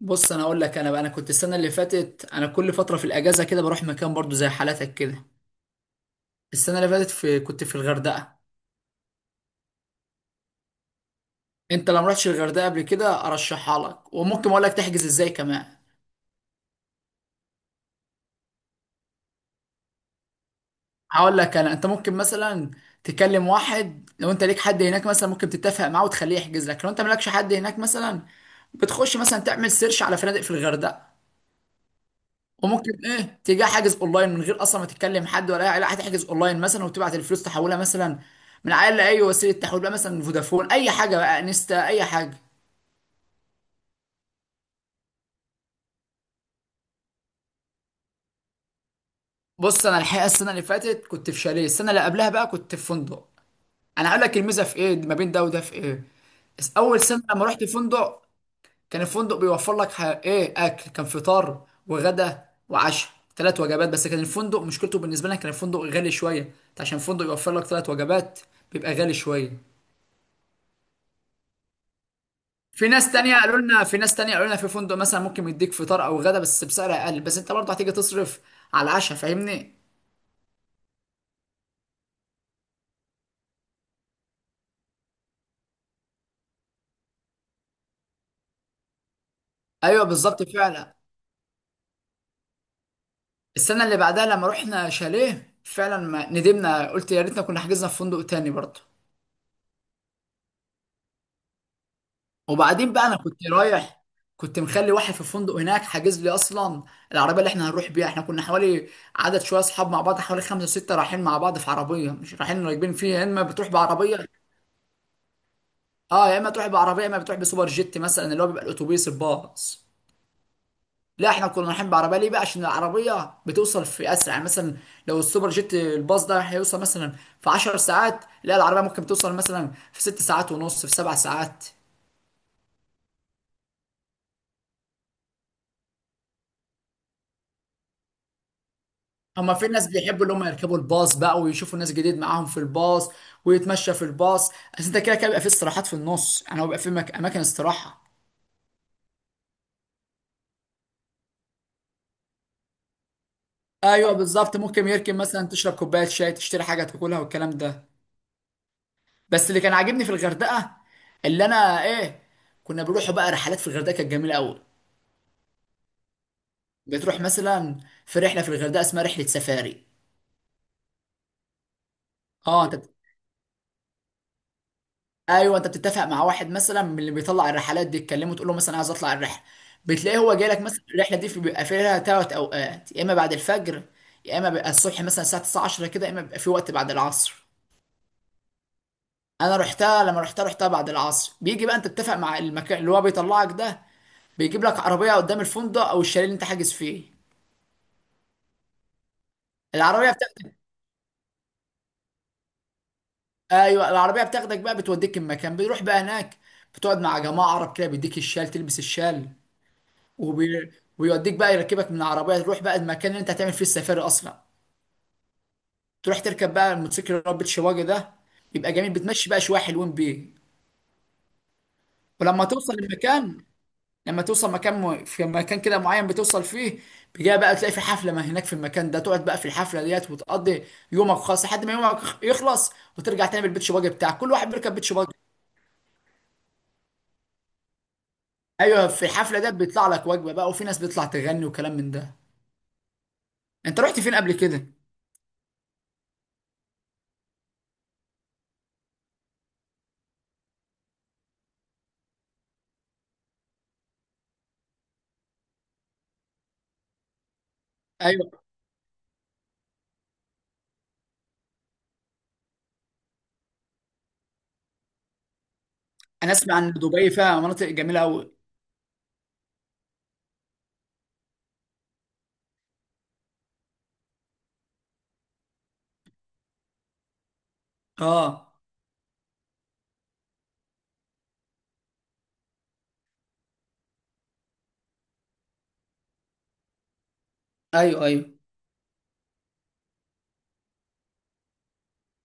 بص، انا اقول لك. انا كنت السنه اللي فاتت، انا كل فتره في الاجازه كده بروح مكان برضو زي حالاتك كده. السنه اللي فاتت كنت في الغردقه. انت لو ما رحتش الغردقه قبل كده ارشحها لك، وممكن اقول لك تحجز ازاي كمان. هقول لك، انا انت ممكن مثلا تكلم واحد لو انت ليك حد هناك، مثلا ممكن تتفق معاه وتخليه يحجز لك. لو انت مالكش حد هناك، مثلا بتخش مثلا تعمل سيرش على فنادق في الغردقه، وممكن ايه تيجي حاجز اونلاين من غير اصلا ما تتكلم حد ولا اي علاقه. هتحجز اونلاين مثلا وتبعت الفلوس تحولها، مثلا من عيال لاي وسيله تحويل بقى، مثلا فودافون اي حاجه بقى، انستا اي حاجه. بص، انا الحقيقه السنه اللي فاتت كنت في شاليه، السنه اللي قبلها بقى كنت في فندق. انا هقول لك الميزه في ايه ما بين ده وده في ايه. بس اول سنه لما رحت فندق، كان الفندق بيوفر لك ايه اكل. كان فطار وغدا وعشاء، ثلاث وجبات. بس كان الفندق مشكلته بالنسبه لنا، كان الفندق غالي شويه. عشان الفندق يوفر لك ثلاث وجبات بيبقى غالي شويه. في ناس تانية قالوا لنا في فندق مثلا ممكن يديك فطار او غدا بس بسعر اقل، بس انت برضه هتيجي تصرف على العشاء، فاهمني؟ ايوه بالظبط فعلا. السنة اللي بعدها لما رحنا شاليه فعلا، ما ندمنا. قلت يا ريتنا كنا حجزنا في فندق تاني برضه. وبعدين بقى انا كنت رايح، كنت مخلي واحد في الفندق هناك حاجز لي اصلا. العربيه اللي احنا هنروح بيها، احنا كنا حوالي عدد شويه اصحاب مع بعض، حوالي خمسه وسته رايحين مع بعض في عربيه. مش رايحين راكبين فيها، يا اما بتروح بعربيه. اه، يا اما تروح بعربيه، يا اما بتروح بسوبر جيت مثلا، اللي هو بيبقى الاتوبيس الباص. لا، احنا كنا رايحين بعربيه. ليه بقى؟ عشان العربيه بتوصل في اسرع يعني. مثلا لو السوبر جيت الباص ده هيوصل مثلا في 10 ساعات، لا العربيه ممكن توصل مثلا في 6 ساعات ونص، في 7 ساعات. اما في ناس بيحبوا اللي هم يركبوا الباص بقى ويشوفوا ناس جديد معاهم في الباص، ويتمشى في الباص. بس انت كده كده بيبقى في استراحات في النص، يعني هو بيبقى في اماكن استراحه. ايوه بالظبط، ممكن يركب مثلا تشرب كوبايه شاي، تشتري حاجه تاكلها والكلام ده. بس اللي كان عاجبني في الغردقه، اللي انا ايه، كنا بنروحوا بقى رحلات في الغردقه كانت جميله قوي. بتروح مثلا في رحله في الغردقه اسمها رحله سفاري. اه انت بت- ايوه، انت بتتفق مع واحد مثلا من اللي بيطلع الرحلات دي، تكلمه تقول له مثلا عايز اطلع الرحله. بتلاقيه هو جاي لك مثلا. الرحله دي بيبقى فيها ثلاث اوقات، يا اما بعد الفجر، يا اما بيبقى الصبح مثلا الساعه 9 10 كده، يا اما بيبقى في وقت بعد العصر. انا رحتها لما رحتها رحتها بعد العصر. بيجي بقى انت تتفق مع المكان اللي هو بيطلعك ده، بيجيب لك عربيه قدام الفندق او الشاليه اللي انت حاجز فيه. العربيه بتاخدك، ايوه العربيه بتاخدك بقى بتوديك المكان. بتروح بقى هناك، بتقعد مع جماعه عرب كده، بيديك الشال تلبس الشال، وبي... ويوديك بقى يركبك من العربيه، تروح بقى المكان اللي انت هتعمل فيه السفاري اصلا. تروح تركب بقى الموتوسيكل اللي هو ربة شواجه ده. بيبقى جميل، بتمشي بقى شويه حلوين بيه. ولما توصل المكان، لما توصل مكان في مكان كده معين بتوصل فيه، بيجي بقى تلاقي في حفله ما هناك في المكان ده. تقعد بقى في الحفله ديت وتقضي يومك خالص لحد ما يومك يخلص، وترجع تاني بالبيت شواجه بتاعك، كل واحد بيركب بيت شواجه. ايوه في الحفله ده بيطلع لك وجبه بقى، وفي ناس بتطلع تغني وكلام من ده. انت رحت فين قبل كده؟ ايوه، انا اسمع ان دبي فيها مناطق جميله قوي. اه، ايوه ايوه.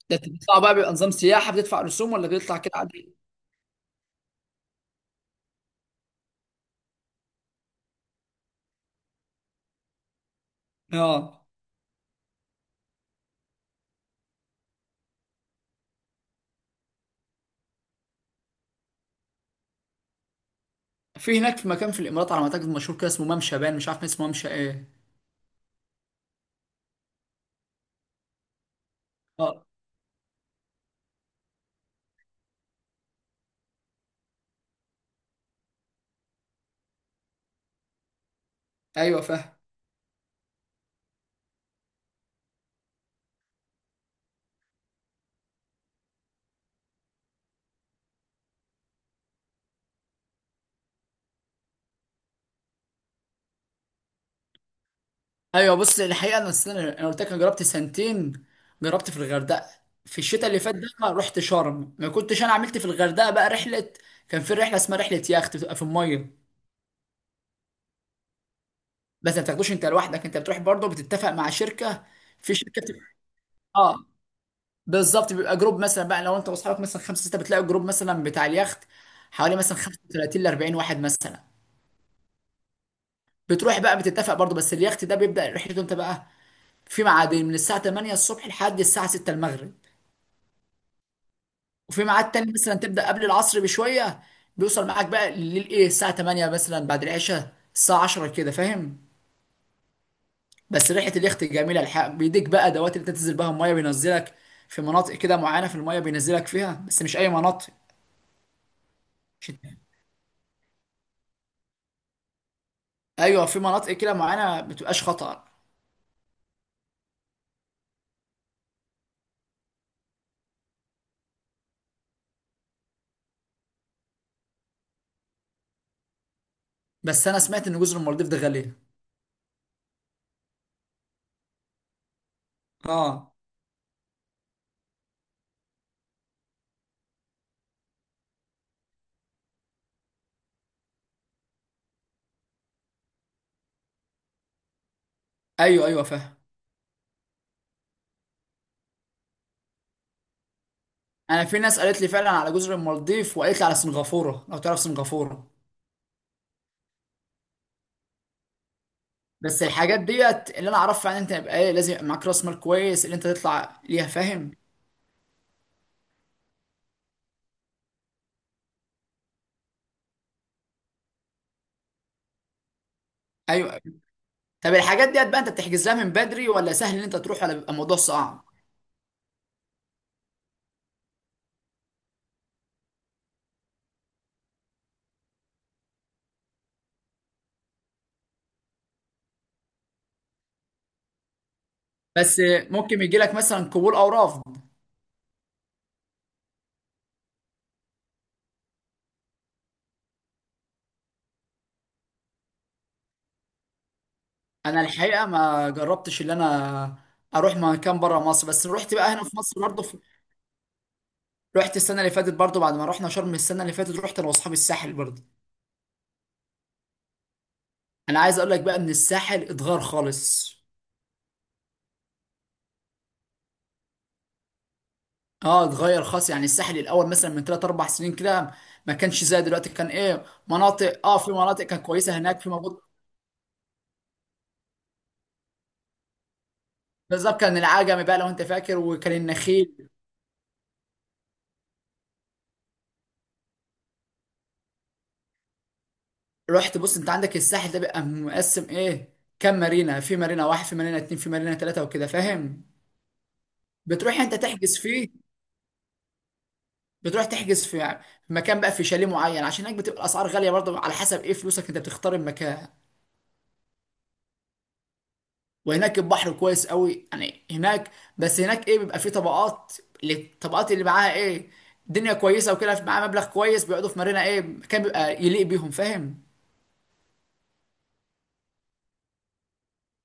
ده انت بتطلع بقى بيبقى نظام سياحه، بتدفع رسوم ولا بتطلع كده عادي؟ اه، في هناك في مكان في الامارات على ما اعتقد مشهور كده، اسمه ممشى بان، مش عارف اسمه ممشى ايه. اه، ايوه فاهم. ايوه بص، الحقيقه انا السنه انا قلت لك انا جربت سنتين. جربت في الغردقه، في الشتاء اللي فات ده رحت شرم. ما كنتش انا عملت في الغردقه بقى رحله، كان في رحله اسمها رحله يخت بتبقى في الميه. بس ما بتاخدوش انت لوحدك، انت بتروح برضه بتتفق مع شركه. في شركه بتبقى، اه بالظبط. بيبقى جروب مثلا بقى، لو انت واصحابك مثلا خمسه سته، بتلاقي جروب مثلا بتاع اليخت حوالي مثلا 35 ل 40 واحد مثلا. بتروح بقى بتتفق برضه، بس اليخت ده بيبدا رحلته. انت بقى في ميعادين، من الساعه 8 الصبح لحد الساعه 6 المغرب، وفي ميعاد تاني مثلا تبدا قبل العصر بشويه، بيوصل معاك بقى للايه الساعه 8 مثلا بعد العشاء الساعه 10 كده، فاهم؟ بس ريحه اليخت جميله الحق. بيديك بقى دوات اللي تنزل بها الميه، بينزلك في مناطق كده معينه في الميه بينزلك فيها، بس مش اي مناطق. مش- ايوه في مناطق كده معينه ما بتبقاش خطر. بس انا سمعت ان جزر المالديف ده غاليه. اه، ايوه ايوه فاهم. انا في ناس قالت لي فعلا على جزر المالديف، وقالت لي على سنغافوره لو تعرف سنغافوره. بس الحاجات ديت اللي انا اعرفها ان انت يبقى ايه لازم يبقى معاك راس مال كويس اللي انت تطلع ليها، فاهم؟ ايوه. طب الحاجات ديت بقى انت بتحجز لها من بدري، ولا سهل ان انت تروح، ولا بيبقى الموضوع صعب؟ بس ممكن يجي لك مثلا قبول او رفض. انا الحقيقه ما جربتش ان انا اروح مكان بره مصر، بس رحت بقى هنا في مصر برضه رحت السنه اللي فاتت برضه. بعد ما رحنا شرم السنه اللي فاتت، رحت انا واصحابي الساحل برضه. انا عايز اقول لك بقى ان الساحل اتغير خالص. اه اتغير خالص يعني. الساحل الاول مثلا من 3 4 سنين كده ما كانش زي دلوقتي، كان ايه مناطق، اه في مناطق كانت كويسه هناك في موجود. بالظبط، كان العجمي بقى لو انت فاكر، وكان النخيل. رحت. بص، انت عندك الساحل ده بيبقى مقسم ايه كام مارينا، في مارينا واحد، في مارينا اتنين، في مارينا تلاتة وكده، فاهم؟ بتروح انت تحجز فيه، بتروح تحجز في مكان بقى، في شاليه معين، عشان هناك بتبقى الاسعار غاليه برضه على حسب ايه فلوسك، انت بتختار المكان. وهناك البحر كويس قوي يعني هناك. بس هناك ايه بيبقى فيه طبقات، الطبقات اللي معاها ايه الدنيا كويسه وكده معاها مبلغ كويس بيقعدوا في مارينا ايه، مكان بيبقى يليق بيهم، فاهم؟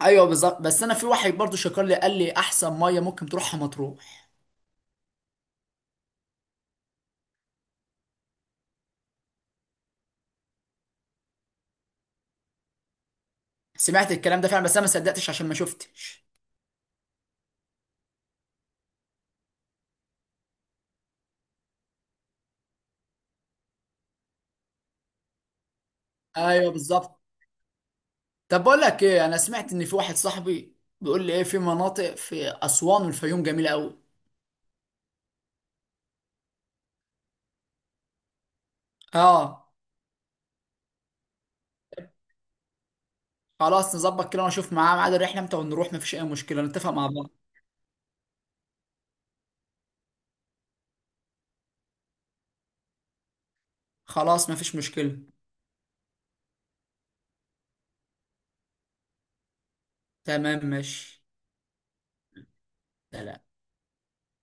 ايوه بالظبط. بس انا في واحد برضه شكر لي قال لي احسن ميه ممكن تروحها مطروح. سمعت الكلام ده فعلا بس انا ما صدقتش عشان ما شفتش. ايوه بالظبط. طب بقول لك ايه، انا سمعت ان في واحد صاحبي بيقول لي ايه في مناطق في اسوان والفيوم جميله قوي. اه، خلاص نظبط كده ونشوف معاه ميعاد الرحله امتى ونروح، مفيش اي مشكله نتفق مع بعض. خلاص مفيش مشكله. تمام ماشي. سلام.